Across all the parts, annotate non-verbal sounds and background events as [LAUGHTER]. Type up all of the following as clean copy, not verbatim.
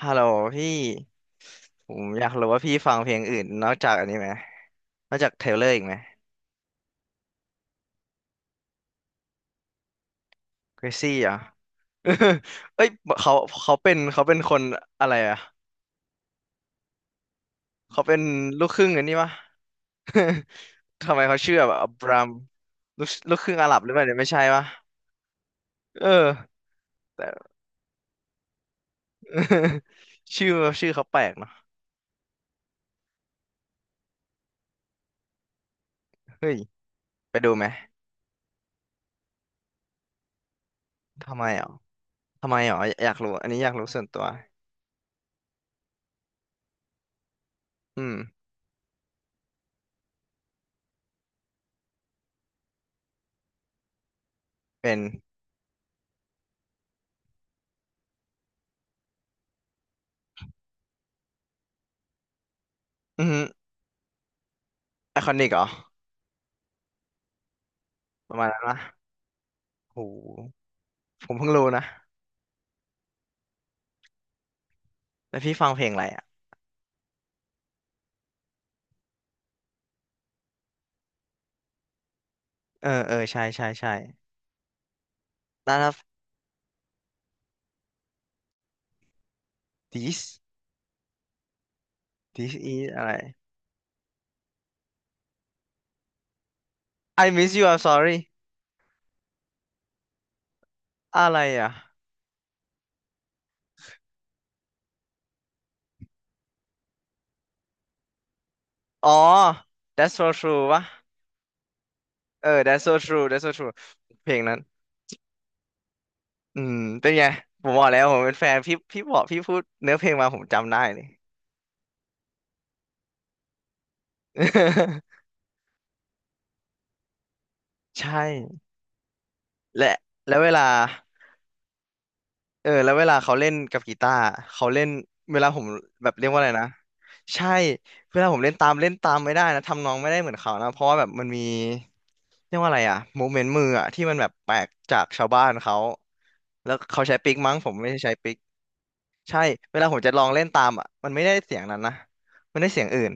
ฮัลโหลพี่ผมอยากรู้ว่าพี่ฟังเพลงอื่นนอกจากอันนี้ไหมนอกจากเทเลอร์อีกไหมเกรซี่เหรอ [LAUGHS] เอ้ยเขาเขาเป็นเขาเป็นคนอะไรอ่ะเขาเป็นลูกครึ่งอันนี้ปะ [LAUGHS] ทำไมเขาเชื่อแบบอับรามลูกครึ่งอาหรับหรือเปล่าเนี่ยไม่ใช่ปะเออแต่ [LAUGHS] ชื่อชื่อเขาแปลกเนาะเฮ้ยไปดูไหมทำไมอ่ะทำไมอ่ะอยากรู้อันนี้อยากรู้ส่วนตัวอืมเป็นอือไอคอนิกเหรอประมาณนั้นปะโห ผมเพิ่งรู้นะแล้วพี่ฟังเพลงอะไรอ่ะ เออ เออใช่ใช่ใช่ None of this this is อะไร I miss you I'm sorry อะไรอ่ะ อ๋อ That's so true วะเออ That's so true That's so true เพลงนั้นอืมเป็นไง ผมบอกแล้วผมเป็นแฟนพี่พี่บอกพี่พูดเนื้อเพลงมาผมจำได้เลย [LAUGHS] ใช่ และแล้วเวลา เออแล้วเวลาเขาเล่นกับกีตาร์เขาเล่นเวลาผมแบบเรียกว่าอะไรนะใช่เวลาผมเล่นตามเล่นตามไม่ได้นะทำนองไม่ได้เหมือนเขานะเพราะว่าแบบมันมีเรียกว่าอะไรอะโมเมนต์มืออะที่มันแบบแปลกจากชาวบ้านเขาแล้วเขาใช้ปิกมั้งผมไม่ได้ใช้ปิกใช่เวลาผมจะลองเล่นตามอะมันไม่ได้เสียงนั้นนะมันได้เสียงอื่น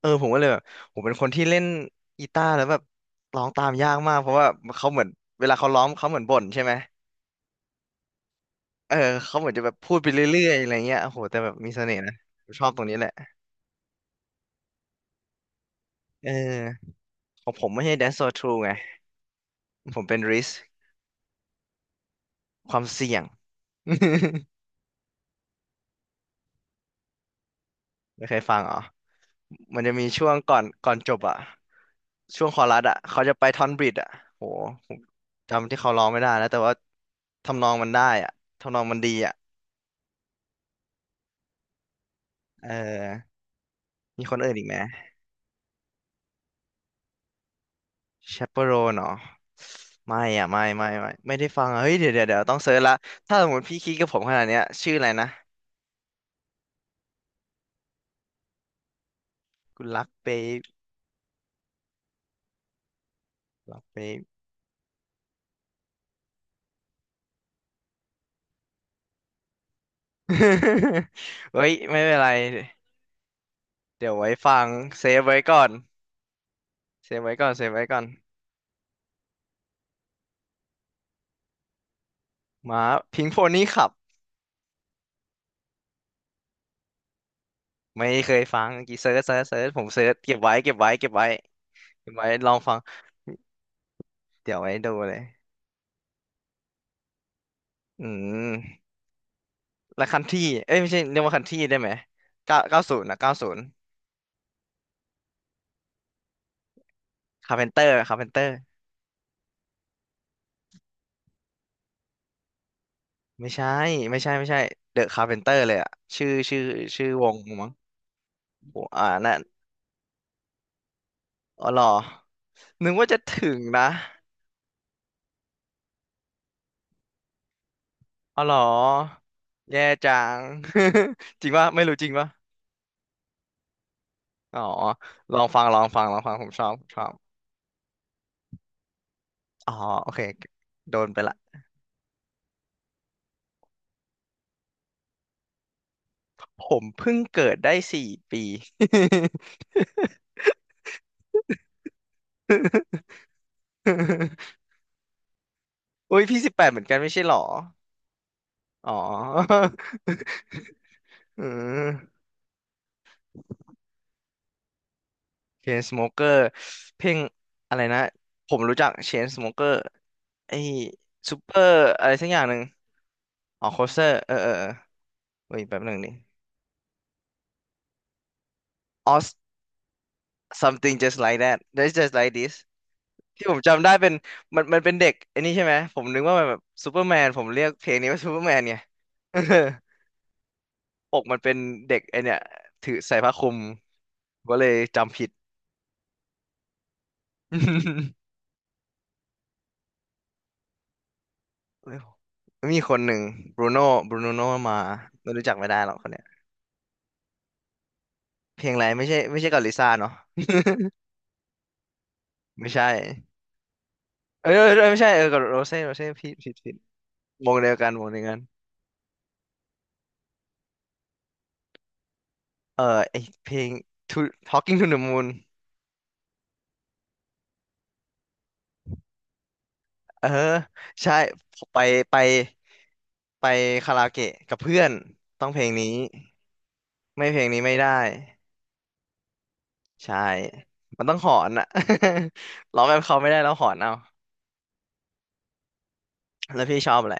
เออผมก็เลยแบบผมเป็นคนที่เล่นกีตาร์แล้วแบบร้องตามยากมากเพราะว่าเขาเหมือนเวลาเขาร้องเขาเหมือนบ่นใช่ไหม เออเขาเหมือนจะแบบพูดไปเรื่อยๆอะไรเงี้ยโอ้โหแต่แบบมีเสน่ห์นะผมชอบตรงนี้แหละเออของผมไม่ใช่ Dance So True ไงผมเป็น Risk ความเสี่ยง [LAUGHS] ไม่เคยฟังเหรอมันจะมีช่วงก่อนก่อนจบอะช่วงคอรัสอะเขาจะไปท่อนบริดอะโหผมจำที่เขาร้องไม่ได้แล้วแต่ว่าทำนองมันได้อะทำนองมันดีอะเออมีคนอื่นอีกไหม Chaperone เนาะไม่อ่ะไม่ไม่ไม่ไม่ได้ฟังอะเฮ้ยเดี๋ยวเดี๋ยวเดี๋ยวต้องเซิร์ชละถ้าสมมติพี่คิดกับผมขนาดเนี้ยชื่ออะไรนะ กูรักเป๊ปรักเป๊ป [LAUGHS] เฮ้ยไม่เป็นไรเดี๋ยวไว้ฟังเซฟไว้ก่อนเซฟไว้ก่อนเซฟไว้ก่อนมาพิงโฟนี่ขับไม่เคยฟังเมื่อกี่เซิร์ชเซิร์ชเซิร์ชผมเซิร์ชเก็บไว้เก็บไว้เก็บไว้เก็บไว้ลองฟังเดี๋ยวไว้ดูเลยอืมและคันที่เอ้ยไม่ใช่เรียกว่าคันที่ได้ไหมเก้าเก้าศูนย์นะเก้าศูนย์คาร์เพนเตอร์คาร์เพนเตอร์ไม่ใช่ไม่ใช่ไม่ใช่เดอะคาร์เพนเตอร์เลยอะชื่อชื่อชื่อวงมั้งโหอ่าน่ะ อ๋อเหรอนึกว่าจะถึงนะอ๋อเหรอแย่จัง [LAUGHS] จริงปะไม่รู้จริงปะอ๋อลองฟังลองฟังลองฟังผมชอบผมชอบอ๋อโอเคโดนไปละผมเพิ่งเกิดได้สี่ปี [LAUGHS] อุ้ยพี่สิบแปดเหมือนกันไม่ใช่เหรออ๋อ [LAUGHS] อืมเชนสโมเกอร์เพลงอะไรนะผมรู้จักเชนสโมเกอร์ไอ้ซูเปอร์อะไรสักอย่างหนึ่ง อ๋อโคสเตอร์เออเออเออเว้ยแป๊บหนึ่งดิอ๋อ something just like that that's just like this ที่ผมจำได้เป็นมันมันเป็นเด็กไอ้นี่ใช่ไหมผมนึกว่ามันแบบซูเปอร์แมนผมเรียกเพลงนี้ว่าซูเปอร์แมนไง [LAUGHS] ปกมันเป็นเด็กไอเนี่ยถือใส่ผ้าคลุมก็เลยจำผิด [LAUGHS] มีคนหนึ่งบรูโน่บรูโน่มาไม่รู้จักไม่ได้หรอกคนเนี้ยเพลงอะไรไม่ใช่ไม่ใช่กับลิซ่าเนาะไม่ใช่เออเออเออไม่ใช่เออกับโรเซ่โรเซ่ผิดผิดผิดวงเดียวกันวงเดียวกัน เออไอเพลง to Talking to the Moon เออใช่ไปไปไปคาราโอเกะกับเพื่อนต้องเพลงนี้ไม่เพลงนี้ไม่ได้ใช่มันต้องหอนอ่ะ [LAUGHS] ร้องแบบเขาไม่ได้แล้วหอนเอาแล้วพี่ชอบอะไร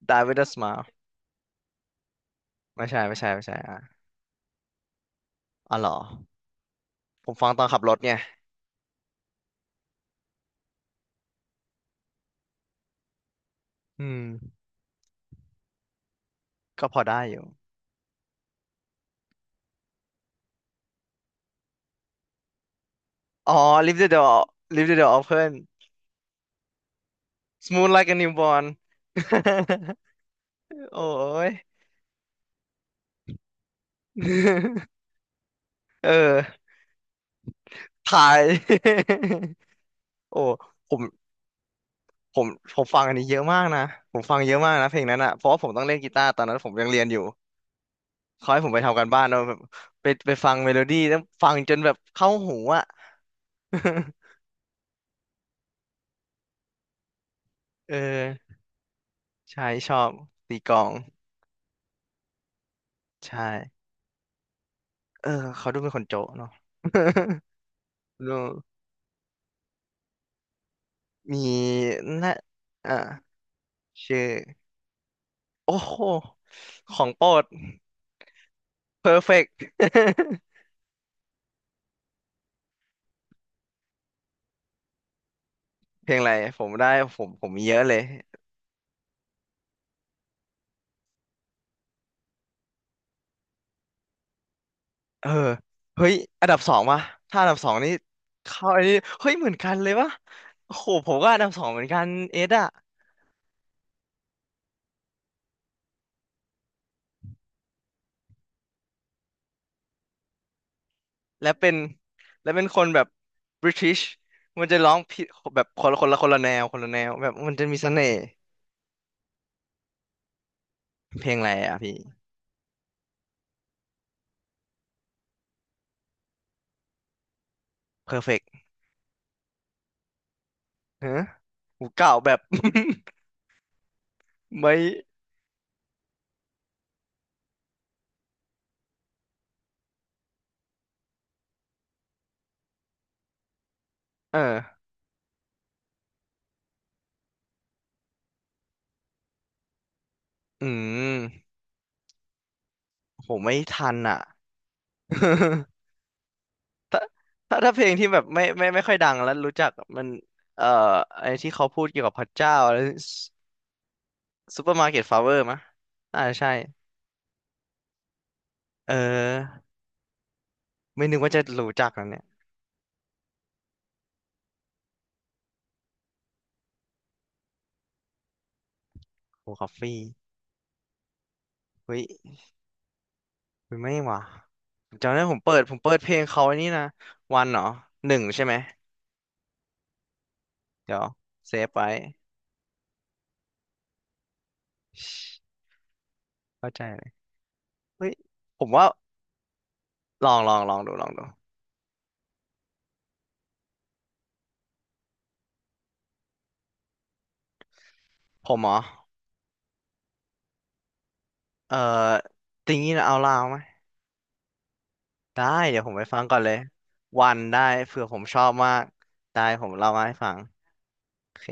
Die with a smile ไม่ใช่ไม่ใช่ไม่ใช่อ่ะอ๋อเหรอผมฟังตอนขับรถไงอืมก็พอได้อยู่อ๋อ Leave the door Leave the door open Smooth like a newborn [LAUGHS] โอ้ย [LAUGHS] เออ ทาย [LAUGHS] โอ้ผมผมผมฟังอันนี้เยอะมากนะ ผมฟังเยอะมากนะเพลงนั้นอ่ะ เพราะว่าผมต้องเล่นกีตาร์ตอนนั้นผมยังเรียนอยู่เขาให้ผมไปทำการบ้านเนาแบบไปไปฟังเมโลดี้แล้วฟังจนแบบเข้าหูอ่ะ [LAUGHS] เออใช่ชอบตีกลองใช่เออ เขาดูเป็นคนโจ๊ะเนาะ [LAUGHS] ดูมีนะอ่าชื่อโอ้โห ของโปรด perfect [LAUGHS] เพลงอะไรผมได้ผมมีเยอะเลย เออเฮ้ยอันดับสองวะถ้าอันดับสองนี่เข้าอันนี้เฮ้ยเหมือนกันเลยวะ โอ้โห ผมก็อันดับสองเหมือนกันเอสอะและเป็นและเป็นคนแบบบริติชมันจะร้องผิดแบบคนละคนละคนละแนวคนละแนวแบบมันจะมีเสน่ห์เพลงอะไรอะพี่ perfect ฮะหูเก่าแบบ [LAUGHS] ไม่เอออืมผมไม่ทันอะ [LAUGHS] ถ้าเพลงที่แบบไม่ค่อยดังแล้วรู้จักมันเอ่อไอ้ที่เขาพูดเกี่ยวกับพระเจ้าอะไร ซูเปอร์มาร์เก็ตฟลาเวอร์มะอ่าใช่ เออ ไม่นึกว่าจะรู้จักนะเนี่ยโอ้คอฟฟี่เฮ้ยเฮ้ยไม่หว่ะจำได้ผมเปิดเพลงเขาไอันนี้นะวันเหรอหนึ่งใช่ไหมเดี๋ยวเซฟไว้ชิเข้าใจเลยเฮ้ยผมว่าลองดูลองดูผมเหรอเออติงนี้นะเอาลาวไหมได้ เดี๋ยวผมไปฟังก่อนเลยวันได้เผื่อผมชอบมากได้ผมเล่ามาให้ฟังโอเค